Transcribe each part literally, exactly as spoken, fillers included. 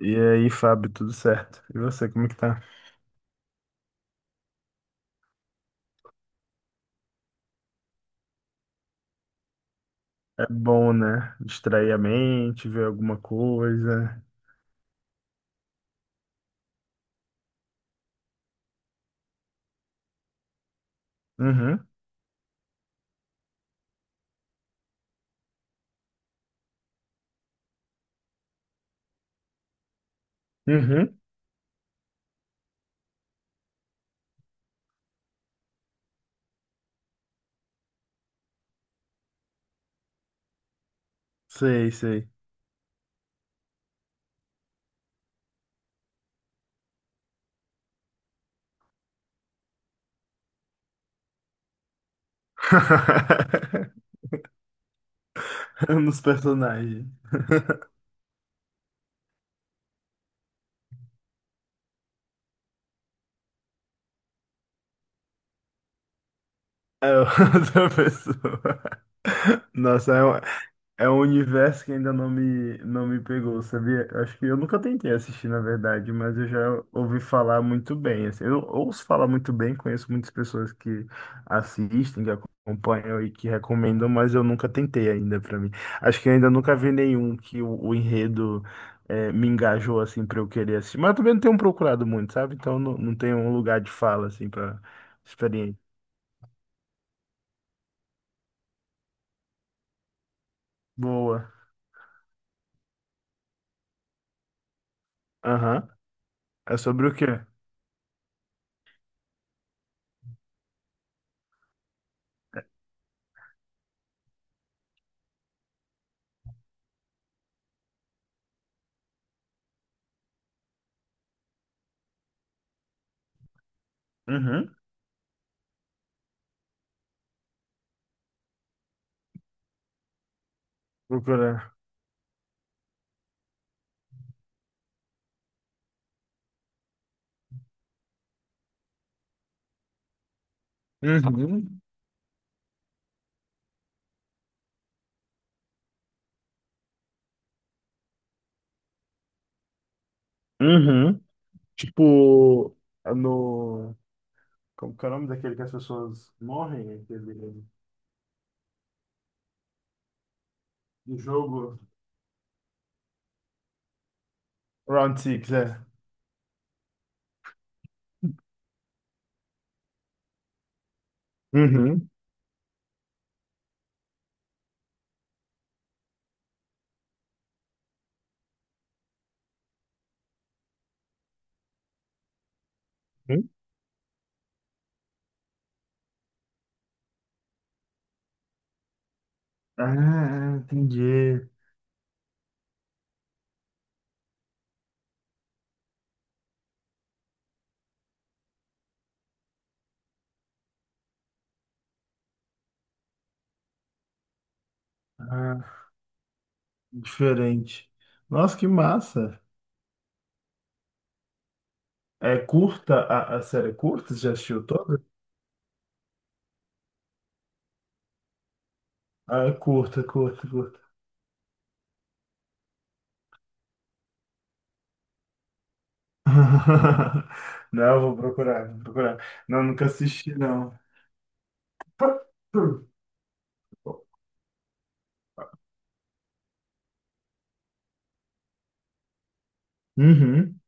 E aí, Fábio, tudo certo? E você, como que tá? É bom, né? Distrair a mente, ver alguma coisa. Uhum, uhum. Sei, sei. Nos personagens. É outra pessoa. Nossa, é um, é um universo que ainda não me, não me pegou, sabia? Eu acho que eu nunca tentei assistir, na verdade, mas eu já ouvi falar muito bem assim. Eu ouço falar muito bem, conheço muitas pessoas que assistem, que acompanham e que recomendam, mas eu nunca tentei ainda pra mim. Acho que eu ainda nunca vi nenhum que o, o enredo eh, me engajou assim pra eu querer assistir. Mas eu também não tenho procurado muito, sabe? Então não, não tenho um lugar de fala assim para experiência. Boa. Aham. É sobre o quê? Uhum. Procurar. Uhum. Uhum. Tipo, no. Como que é o nome daquele que as pessoas morrem? Aquele... Do jogo. Round Six, é. Uhum. Uhum. Ah, entendi. Ah, diferente. Nossa, que massa. É curta a, a série? É curta? Você já assistiu toda? Ah, é curta, curta, curta. Não, vou procurar, vou procurar. Não, nunca assisti, não. Uhum,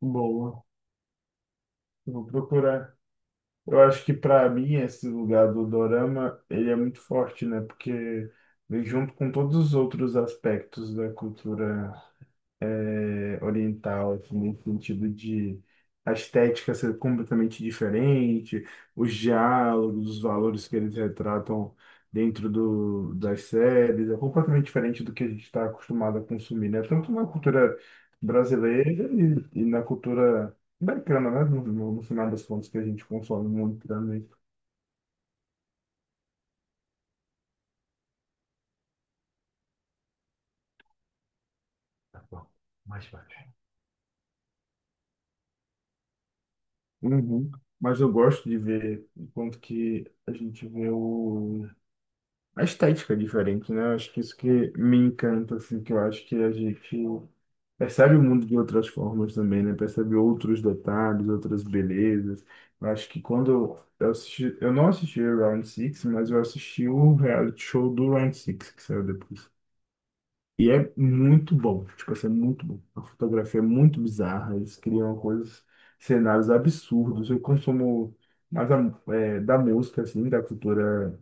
boa. Vou procurar. Eu acho que para mim esse lugar do dorama, ele é muito forte, né? Porque vem junto com todos os outros aspectos da cultura é, oriental, assim, nesse sentido de a estética ser completamente diferente, os diálogos, os valores que eles retratam dentro do, das séries, é completamente diferente do que a gente está acostumado a consumir, né? Tanto na cultura brasileira e, e na cultura americana, né? No, no, no final das contas, que a gente consome muito também. Tá bom, mais baixo. Uhum. Mas eu gosto de ver o quanto que a gente vê o a estética é diferente, né? Eu acho que isso que me encanta, assim, que eu acho que a gente percebe o mundo de outras formas também, né? Percebe outros detalhes, outras belezas. Eu acho que quando eu assisti, eu não assisti o Round Six mas eu assisti o reality show do Round Six que saiu depois. E é muito bom, tipo assim, é muito bom. A fotografia é muito bizarra, eles criam coisas, cenários absurdos. Eu consumo mais a, é, da música, assim, da cultura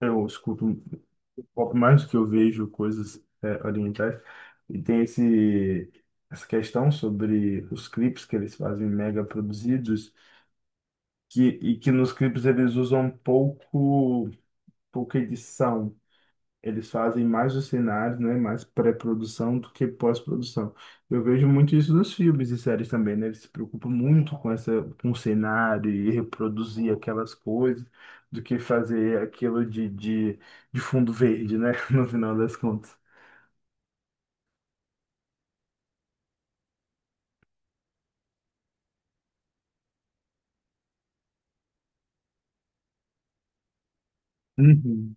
eu escuto um pouco mais do que eu vejo coisas é, orientais. E tem esse, essa questão sobre os clipes que eles fazem mega produzidos, que, e que nos clipes eles usam pouco, pouca edição. Eles fazem mais os cenários, né? Mais pré-produção do que pós-produção. Eu vejo muito isso nos filmes e séries também, né? Eles se preocupam muito com essa, com o cenário e reproduzir aquelas coisas do que fazer aquilo de, de, de fundo verde, né? No final das contas. Uhum.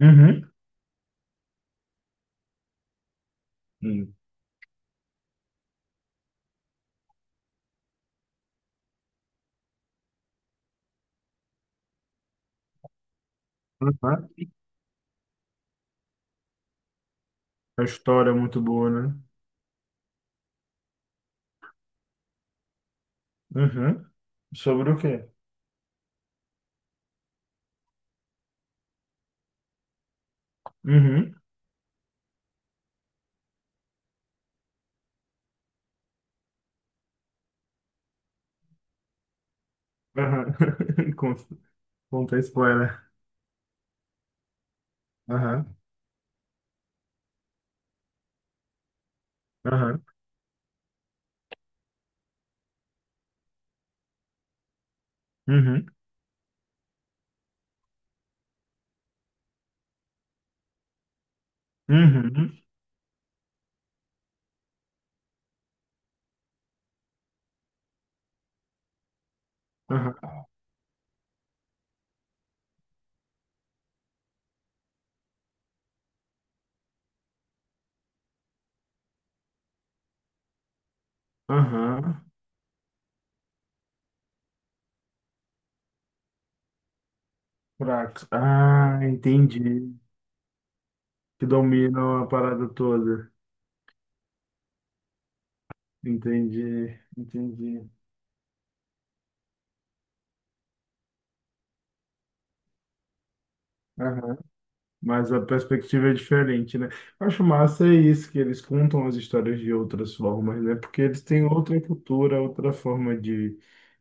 Uhum. Uhum. Uhum. A história é muito boa, né? Uhum. Sobre o quê? Uhum. Uhum. Conta conta spoiler. Aham. Aham. Uhum. Uhum. Uhum. Aham, fracos. Ah, entendi. Que dominam a parada toda. Entendi, entendi. Aham. Mas a perspectiva é diferente, né? Eu acho massa é isso, que eles contam as histórias de outras formas, né? Porque eles têm outra cultura, outra forma de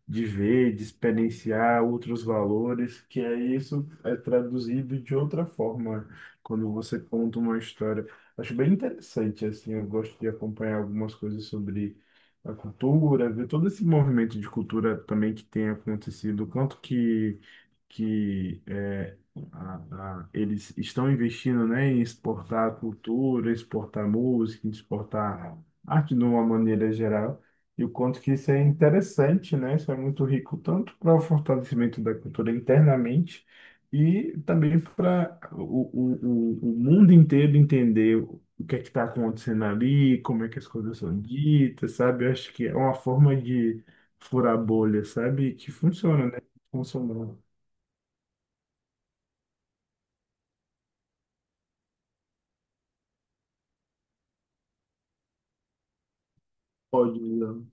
de ver, de experienciar outros valores, que é isso é traduzido de outra forma quando você conta uma história. Acho bem interessante, assim, eu gosto de acompanhar algumas coisas sobre a cultura, ver todo esse movimento de cultura também que tem acontecido, quanto que que é, a- a- eles estão investindo, né, em exportar a cultura, exportar música, exportar arte de uma maneira geral. E o quanto que isso é interessante, né? Isso é muito rico, tanto para o fortalecimento da cultura internamente e também para o, o, o, o mundo inteiro entender o que é que está acontecendo ali, como é que as coisas são ditas, sabe? Eu acho que é uma forma de furar bolha, sabe? Que funciona, né? Funcionou. Pode, né?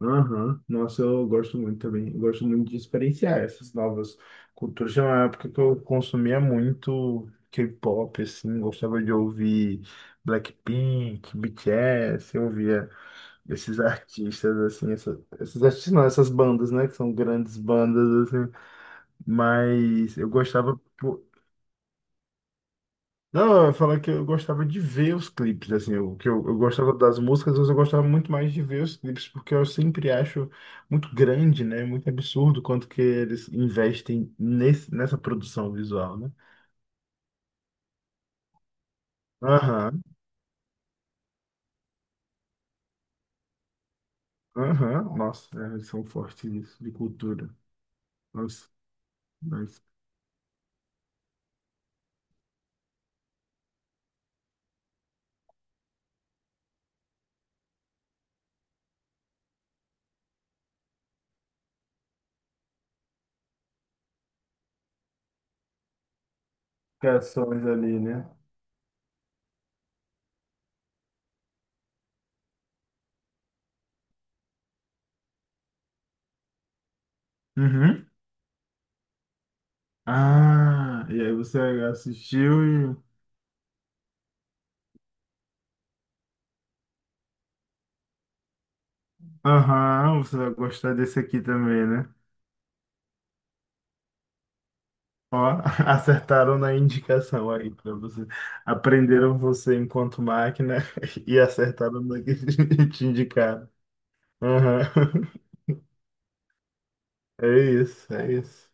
Aham. Nossa, eu gosto muito também. Eu gosto muito de experienciar essas novas culturas. Tinha uma época que eu consumia muito K-pop, assim, gostava de ouvir Blackpink, B T S, eu ouvia esses artistas, assim, essa- esses artistas não, essas bandas, né, que são grandes bandas, assim, mas eu gostava. Não, eu ia falar que eu gostava de ver os clipes, assim, o que eu, eu gostava das músicas, mas eu gostava muito mais de ver os clipes, porque eu sempre acho muito grande, né, muito absurdo quanto que eles investem nesse, nessa produção visual, né? Aham, aham, nossa, é, eles são fortes nisso, de cultura, nossa, as criações ali, né? Uhum. Ah, e aí você assistiu e... Aham, você vai gostar desse aqui também, né? Ó, acertaram na indicação aí para você. Aprenderam você enquanto máquina e acertaram no que te indicaram. Aham. É isso, é isso.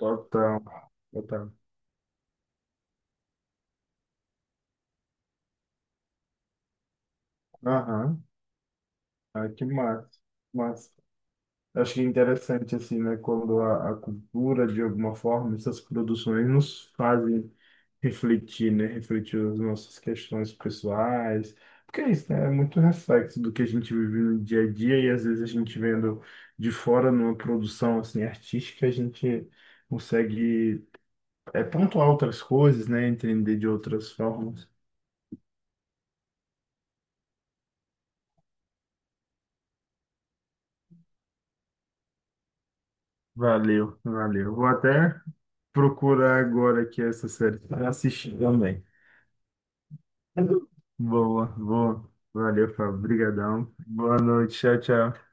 Total, total. Aham. Ah, que massa. Massa. Eu acho que é interessante, assim, né, quando a, a cultura, de alguma forma, essas produções nos fazem refletir, né, refletir as nossas questões pessoais, porque é isso, né, é muito reflexo do que a gente vive no dia a dia e às vezes a gente vendo de fora numa produção, assim, artística, a gente consegue é, pontuar outras coisas, né, entender de outras formas. Valeu, valeu. Vou até procurar agora aqui essa série para assistir também. Boa, boa. Valeu, Fábio. Obrigadão. Boa noite. Tchau, tchau.